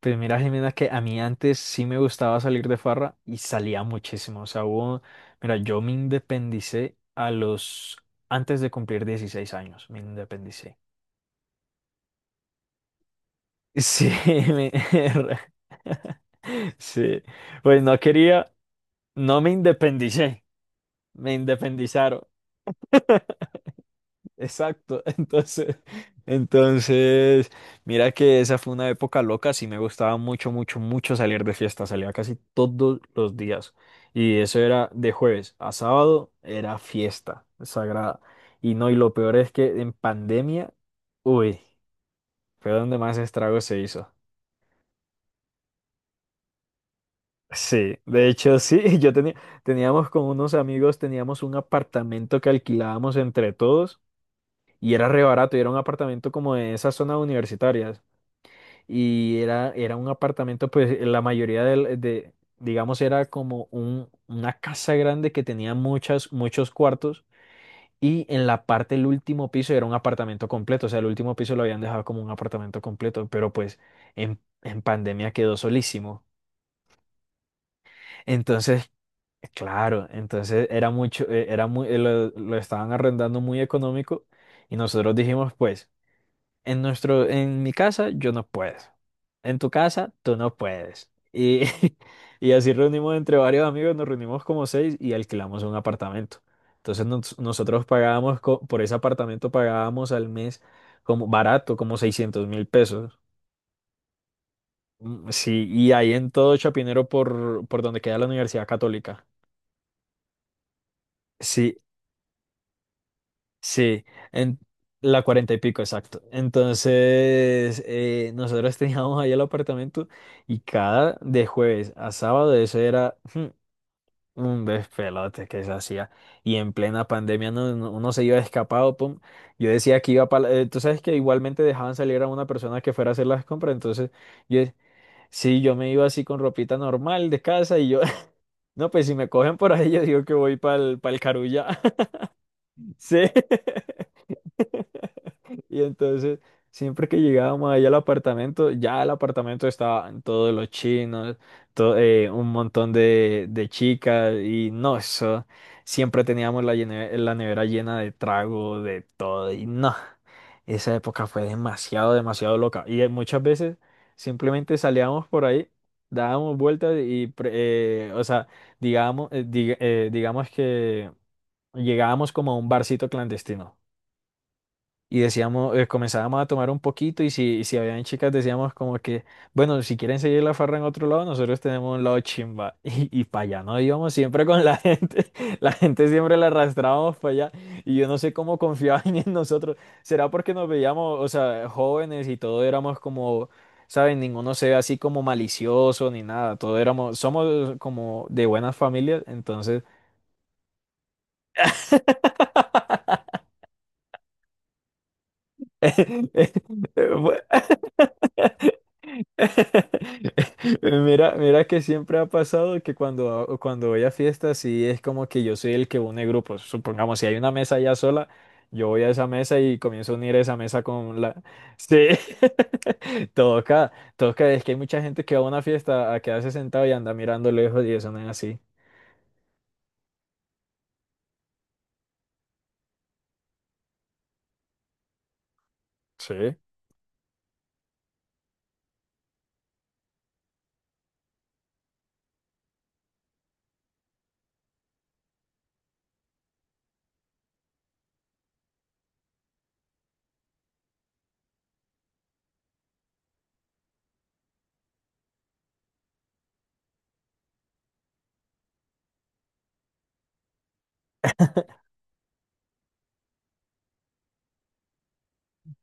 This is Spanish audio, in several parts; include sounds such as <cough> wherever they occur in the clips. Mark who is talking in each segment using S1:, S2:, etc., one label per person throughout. S1: Pues mira, Jimena, que a mí antes sí me gustaba salir de farra y salía muchísimo. O sea, mira, yo me independicé antes de cumplir 16 años, me independicé. Sí, <laughs> me- <laughs> sí, pues no quería, no me independicé, me independizaron. Exacto, <laughs> entonces, mira que esa fue una época loca, sí me gustaba mucho, mucho, mucho salir de fiesta, salía casi todos los días y eso era de jueves a sábado, era fiesta sagrada y no, y lo peor es que en pandemia, uy, fue donde más estrago se hizo. Sí, de hecho sí, <laughs> teníamos con unos amigos, teníamos un apartamento que alquilábamos entre todos y era re barato y era un apartamento como de esas zonas universitarias. Era un apartamento, pues la mayoría digamos, era como una casa grande que tenía muchos cuartos y en la parte del último piso era un apartamento completo, o sea, el último piso lo habían dejado como un apartamento completo, pero pues en pandemia quedó solísimo. Entonces, claro, entonces era muy, lo estaban arrendando muy económico y nosotros dijimos, pues. En nuestro, en mi casa yo no puedo. En tu casa tú no puedes. Y, <laughs> y así reunimos entre varios amigos, nos reunimos como seis y alquilamos un apartamento. Entonces nosotros pagábamos, por ese apartamento pagábamos al mes como barato, como 600.000 pesos. Mm, sí, y ahí en todo Chapinero por donde queda la Universidad Católica. Sí, sí, en la cuarenta y pico, exacto. Entonces, nosotros <laughs> teníamos ahí el apartamento y cada de jueves a sábado eso era <laughs> mm, un despelote que se hacía. Y en plena pandemia no- no- uno se iba escapado, pum. Yo decía que iba para. Tú sabes que igualmente dejaban salir a una persona que fuera a hacer las compras, entonces yo. Sí, yo me iba así con ropita normal de casa y yo, <laughs> no, pues si me cogen por ahí, yo digo que voy para el Carulla. <laughs> Sí. <laughs> Y entonces, siempre que llegábamos allá al apartamento, ya el apartamento estaban todos los chinos, to- un montón de chicas, y no, eso. Siempre teníamos la, la nevera llena de trago, de todo, y no. Esa época fue demasiado, demasiado loca. Y muchas veces simplemente salíamos por ahí, dábamos vueltas y, o sea, digamos que llegábamos como a un barcito clandestino y decíamos, comenzábamos a tomar un poquito y si habían chicas decíamos como que, bueno, si quieren seguir la farra en otro lado, nosotros tenemos un lado chimba <laughs> y para allá no íbamos siempre con la gente, <laughs> la gente siempre la arrastrábamos para allá y yo no sé cómo confiaban en nosotros, será porque nos veíamos, o sea, jóvenes y todo éramos como, saben, ninguno se ve así como malicioso ni nada, todo éramos, somos como de buenas familias, entonces. <laughs> <laughs> fue, <laughs> Mira, mira que siempre ha pasado que cuando voy a fiestas, sí es como que yo soy el que une grupos. Supongamos, si hay una mesa ya sola, yo voy a esa mesa y comienzo a unir esa mesa con la. Sí, <laughs> toca, toca, es que hay mucha gente que va a una fiesta a quedarse sentado y anda mirando lejos y eso no es así. Sí.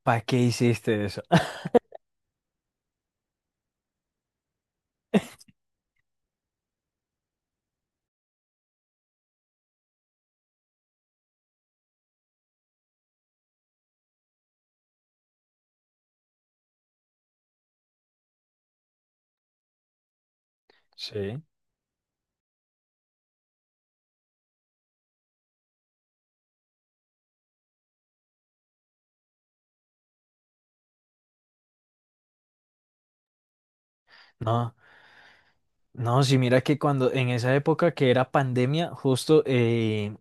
S1: ¿Para qué hiciste eso? <laughs> Sí. No. No, sí, mira que cuando en esa época que era pandemia, justo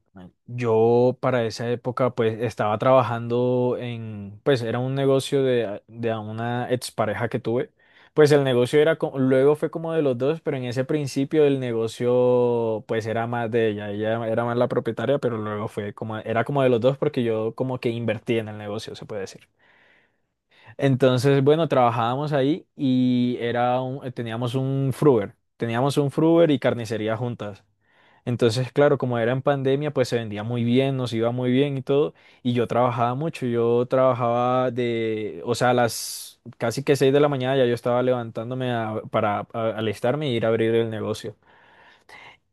S1: yo para esa época pues estaba trabajando en, pues era un negocio de a una expareja que tuve. Pues el negocio luego fue como de los dos, pero en ese principio el negocio pues era más de ella, ella era más la propietaria, pero luego fue como, era como de los dos porque yo como que invertí en el negocio, se puede decir. Entonces, bueno, trabajábamos ahí y era teníamos un fruver y carnicería juntas. Entonces, claro, como era en pandemia, pues se vendía muy bien, nos iba muy bien y todo. Y yo trabajaba mucho, yo trabajaba de, o sea, a las casi que 6 de la mañana ya yo estaba levantándome para alistarme y ir a abrir el negocio.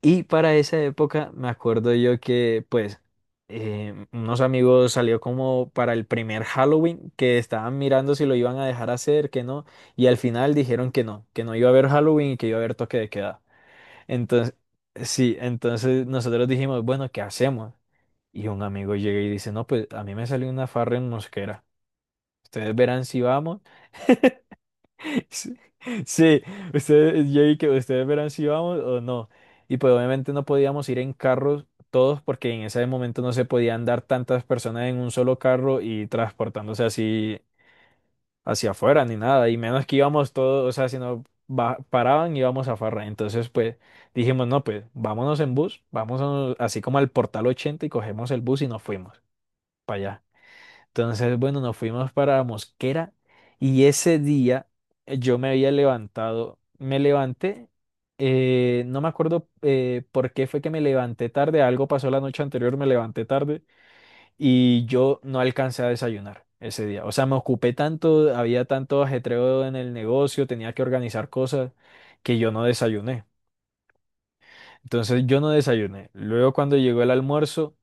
S1: Y para esa época me acuerdo yo que pues unos amigos salió como para el primer Halloween que estaban mirando si lo iban a dejar hacer, que no, y al final dijeron que no iba a haber Halloween y que iba a haber toque de queda. Entonces, sí, entonces nosotros dijimos, bueno, ¿qué hacemos? Y un amigo llega y dice, no, pues a mí me salió una farra en Mosquera, ustedes verán si vamos. Sí, sí, ustedes, yo vi que ustedes verán si íbamos o no. Y pues obviamente no podíamos ir en carros todos porque en ese momento no se podían dar tantas personas en un solo carro y transportándose así hacia afuera ni nada. Y menos que íbamos todos, o sea, si no paraban íbamos a farra. Entonces pues dijimos, no, pues vámonos en bus, vámonos así como al Portal 80 y cogemos el bus y nos fuimos para allá. Entonces, bueno, nos fuimos para Mosquera y ese día yo me levanté, no me acuerdo por qué fue que me levanté tarde, algo pasó la noche anterior, me levanté tarde y yo no alcancé a desayunar ese día. O sea, me ocupé tanto, había tanto ajetreo en el negocio, tenía que organizar cosas que yo no desayuné. Entonces, yo no desayuné. Luego, cuando llegó el almuerzo,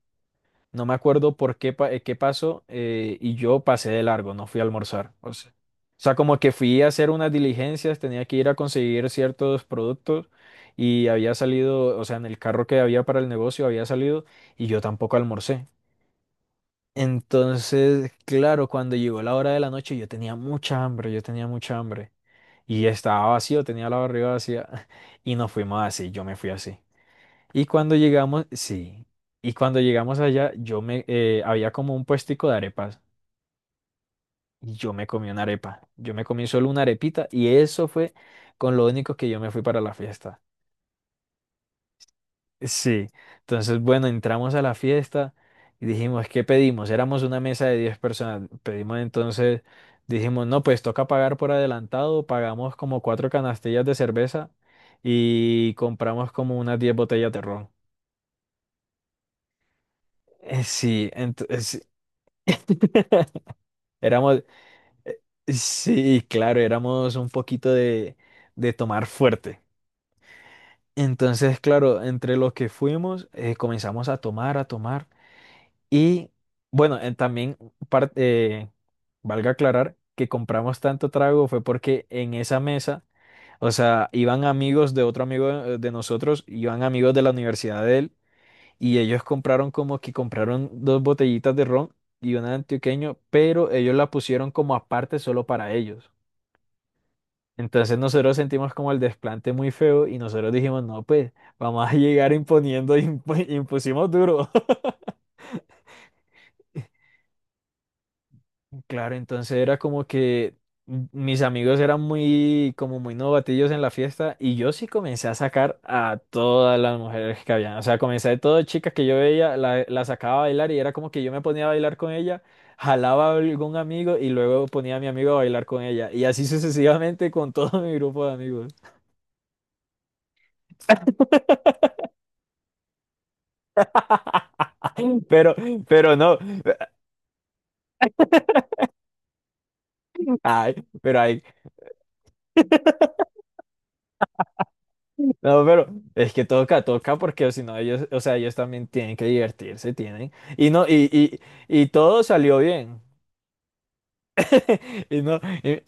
S1: no me acuerdo por qué, qué pasó y yo pasé de largo, no fui a almorzar. O sea, como que fui a hacer unas diligencias, tenía que ir a conseguir ciertos productos y había salido, o sea, en el carro que había para el negocio había salido y yo tampoco almorcé. Entonces, claro, cuando llegó la hora de la noche yo tenía mucha hambre, yo tenía mucha hambre y estaba vacío, tenía la barriga vacía <laughs> y nos fuimos así, yo me fui así. Y cuando llegamos, sí, y cuando llegamos allá, había como un puestico de arepas y yo me comí una arepa. Yo me comí solo una arepita y eso fue con lo único que yo me fui para la fiesta. Sí, entonces bueno, entramos a la fiesta y dijimos, ¿qué pedimos? Éramos una mesa de 10 personas. Pedimos entonces, dijimos, no, pues toca pagar por adelantado, pagamos como cuatro canastillas de cerveza y compramos como unas 10 botellas de ron. Sí, entonces. Éramos, Eh, Sí, claro, éramos un poquito de tomar fuerte. Entonces, claro, entre los que fuimos, comenzamos a tomar. Y bueno, también par- eh, valga aclarar que compramos tanto trago fue porque en esa mesa, o sea, iban amigos de otro amigo de nosotros, iban amigos de la universidad de él, y ellos compraron como que compraron dos botellitas de ron y una de antioqueño, pero ellos la pusieron como aparte solo para ellos. Entonces nosotros sentimos como el desplante muy feo y nosotros dijimos, no, pues vamos a llegar imponiendo, <laughs> y impusimos duro. <laughs> Claro, entonces era como que mis amigos eran muy, como muy novatillos en la fiesta y yo sí comencé a sacar a todas las mujeres que habían. O sea, comencé de todas chicas que yo veía, la sacaba a bailar y era como que yo me ponía a bailar con ella, jalaba a algún amigo y luego ponía a mi amigo a bailar con ella. Y así sucesivamente con todo <laughs> mi grupo de amigos. <laughs> Pero, pero no. Ay, pero hay. <laughs> No, pero es que toca, toca, porque si no ellos, o sea, ellos también tienen que divertirse, tienen. Y no, y todo salió bien. <laughs> Y no, y,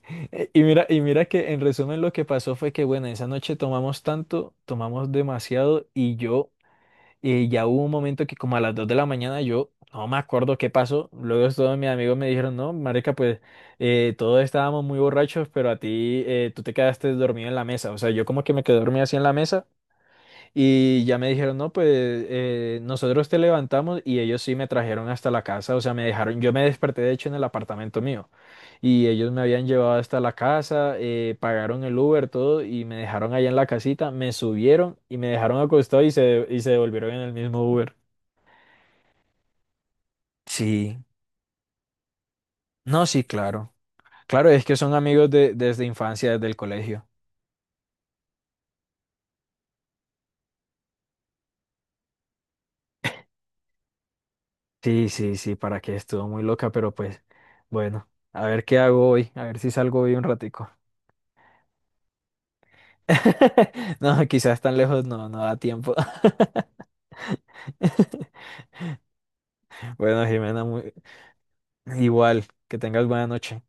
S1: y mira, y mira que en resumen lo que pasó fue que, bueno, esa noche tomamos tanto, tomamos demasiado y yo. Y ya hubo un momento que como a las 2 de la mañana yo no me acuerdo qué pasó. Luego todos mis amigos me dijeron, no, marica, pues todos estábamos muy borrachos, pero a ti tú te quedaste dormido en la mesa. O sea, yo como que me quedé dormido así en la mesa y ya me dijeron, no, pues nosotros te levantamos y ellos sí me trajeron hasta la casa, o sea, me dejaron, yo me desperté de hecho en el apartamento mío y ellos me habían llevado hasta la casa, pagaron el Uber, todo y me dejaron allá en la casita, me subieron y me dejaron acostado y se devolvieron en el mismo Uber. Sí, no, sí, claro. Claro, es que son amigos de, desde infancia, desde el colegio. Sí, sí, sí, para que estuvo muy loca, pero pues bueno, a ver qué hago hoy, a ver si salgo hoy un ratico. <laughs> No, quizás tan lejos no, no da tiempo. <laughs> Bueno, Jimena, muy- igual, que tengas buena noche.